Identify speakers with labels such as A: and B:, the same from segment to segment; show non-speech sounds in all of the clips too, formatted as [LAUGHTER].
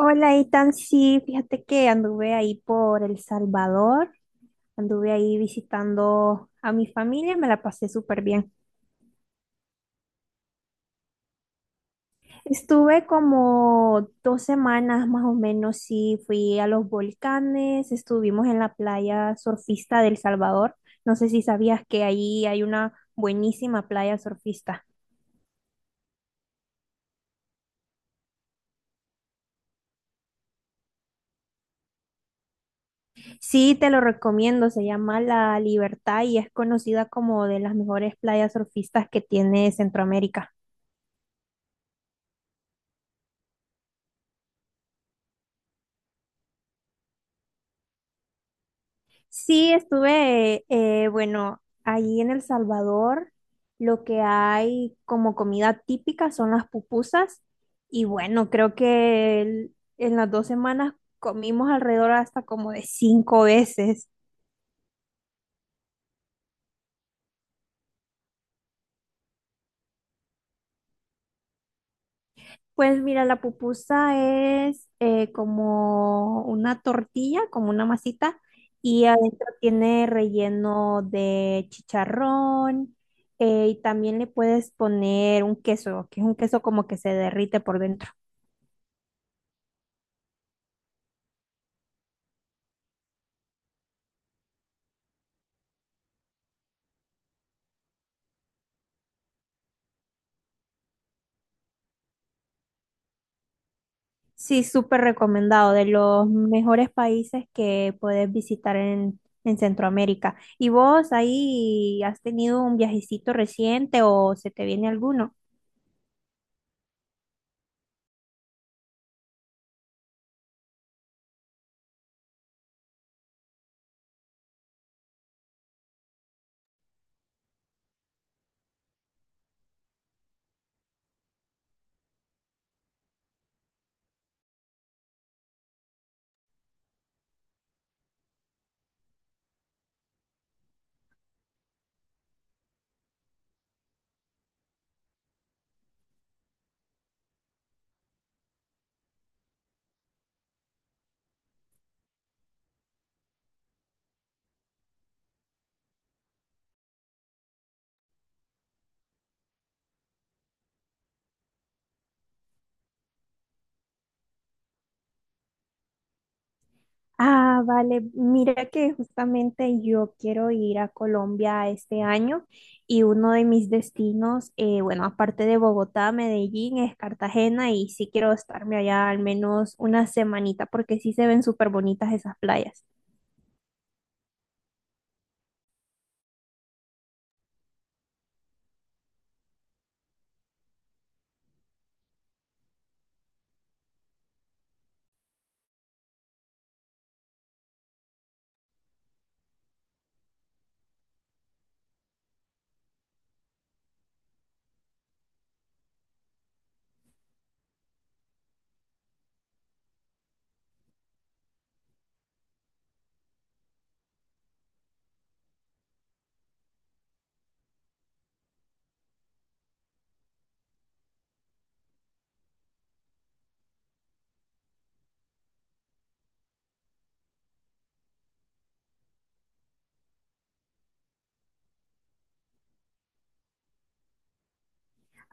A: Hola, Itan. Sí, fíjate que anduve ahí por El Salvador, anduve ahí visitando a mi familia, me la pasé súper bien. Estuve como 2 semanas más o menos, sí, fui a los volcanes, estuvimos en la playa surfista del Salvador. No sé si sabías que ahí hay una buenísima playa surfista. Sí, te lo recomiendo, se llama La Libertad y es conocida como de las mejores playas surfistas que tiene Centroamérica. Sí, estuve, bueno, allí en El Salvador, lo que hay como comida típica son las pupusas y bueno, creo que en las 2 semanas comimos alrededor hasta como de 5 veces. Pues mira, la pupusa es como una tortilla, como una masita, y adentro tiene relleno de chicharrón, y también le puedes poner un queso, que es un queso como que se derrite por dentro. Sí, súper recomendado, de los mejores países que puedes visitar en Centroamérica. ¿Y vos ahí has tenido un viajecito reciente o se te viene alguno? Ah, vale. Mira que justamente yo quiero ir a Colombia este año y uno de mis destinos, bueno, aparte de Bogotá, Medellín, es Cartagena y sí quiero estarme allá al menos una semanita porque sí se ven súper bonitas esas playas.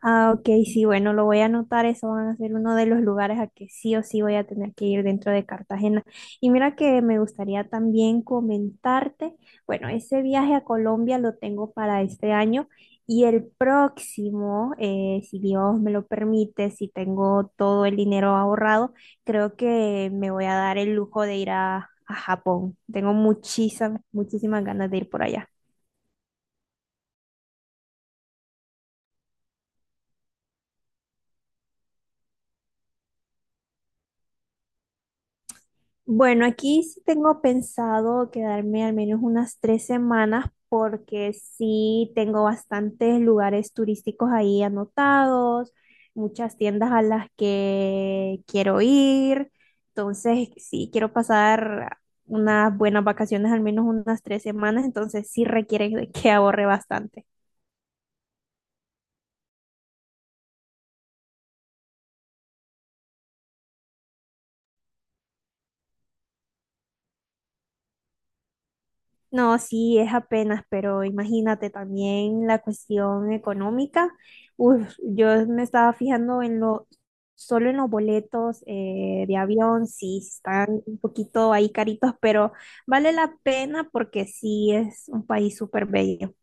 A: Ah, ok, sí, bueno, lo voy a anotar, eso van a ser uno de los lugares a que sí o sí voy a tener que ir dentro de Cartagena. Y mira que me gustaría también comentarte, bueno, ese viaje a Colombia lo tengo para este año y el próximo, si Dios me lo permite, si tengo todo el dinero ahorrado, creo que me voy a dar el lujo de ir a Japón. Tengo muchísimas, muchísimas ganas de ir por allá. Bueno, aquí sí tengo pensado quedarme al menos unas 3 semanas porque sí tengo bastantes lugares turísticos ahí anotados, muchas tiendas a las que quiero ir. Entonces, sí quiero pasar unas buenas vacaciones, al menos unas tres semanas, entonces sí requiere de que ahorre bastante. No, sí, es apenas, pero imagínate también la cuestión económica. Uf, yo me estaba fijando solo en los boletos de avión, sí, están un poquito ahí caritos, pero vale la pena porque sí es un país súper bello.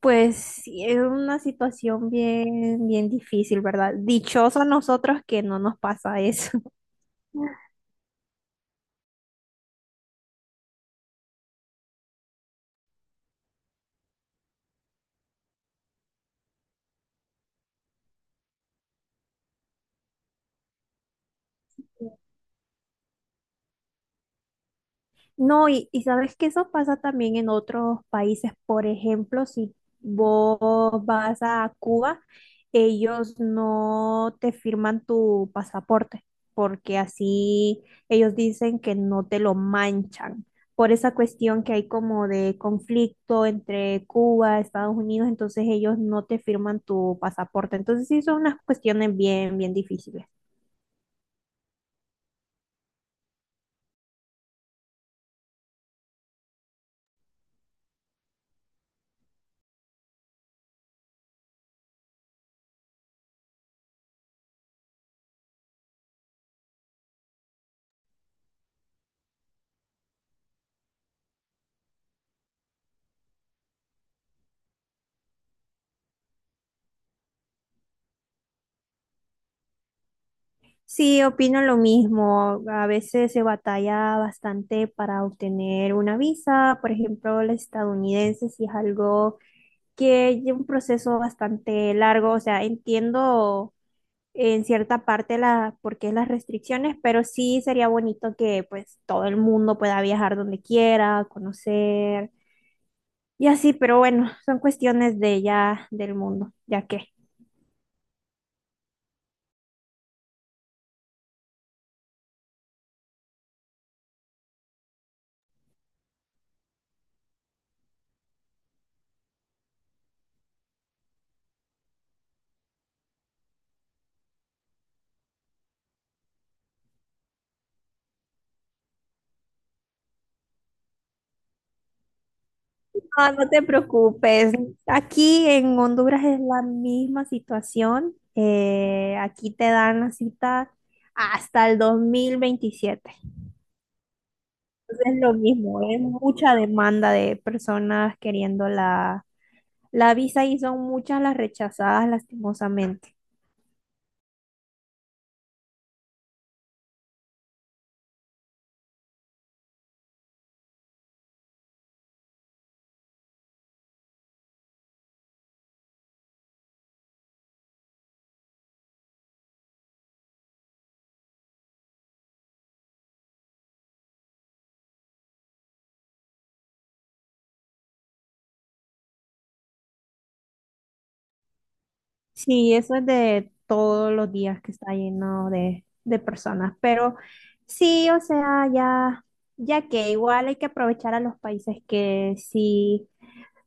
A: Pues sí, es una situación bien, bien difícil, ¿verdad? Dichosos nosotros que no nos pasa eso. [LAUGHS] No, y sabes que eso pasa también en otros países. Por ejemplo, si vos vas a Cuba, ellos no te firman tu pasaporte, porque así ellos dicen que no te lo manchan. Por esa cuestión que hay como de conflicto entre Cuba, Estados Unidos, entonces ellos no te firman tu pasaporte. Entonces sí son unas cuestiones bien, bien difíciles. Sí, opino lo mismo. A veces se batalla bastante para obtener una visa, por ejemplo, la estadounidense, si es algo que lleva un proceso bastante largo. O sea, entiendo en cierta parte la, por qué las restricciones, pero sí sería bonito que pues todo el mundo pueda viajar donde quiera, conocer y así, pero bueno, son cuestiones de ya del mundo, ya que. No, no te preocupes. Aquí en Honduras es la misma situación. Aquí te dan la cita hasta el 2027. Entonces es lo mismo, es mucha demanda de personas queriendo la visa y son muchas las rechazadas lastimosamente. Sí, eso es de todos los días que está lleno de personas, pero sí, o sea, ya, ya que igual hay que aprovechar a los países que sí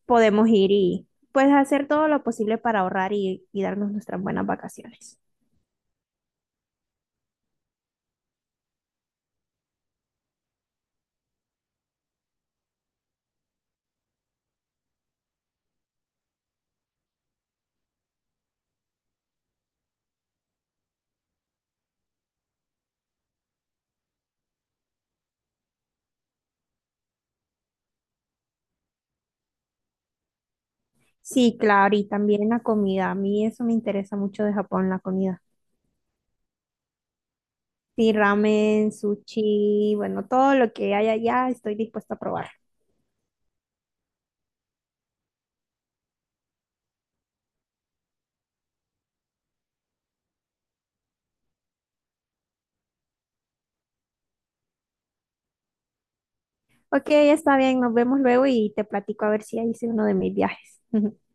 A: podemos ir y pues hacer todo lo posible para ahorrar y darnos nuestras buenas vacaciones. Sí, claro, y también la comida, a mí eso me interesa mucho de Japón, la comida. Sí, ramen, sushi, bueno, todo lo que haya allá estoy dispuesta a probar. Ok, está bien, nos vemos luego y te platico a ver si hice uno de mis viajes. [LAUGHS]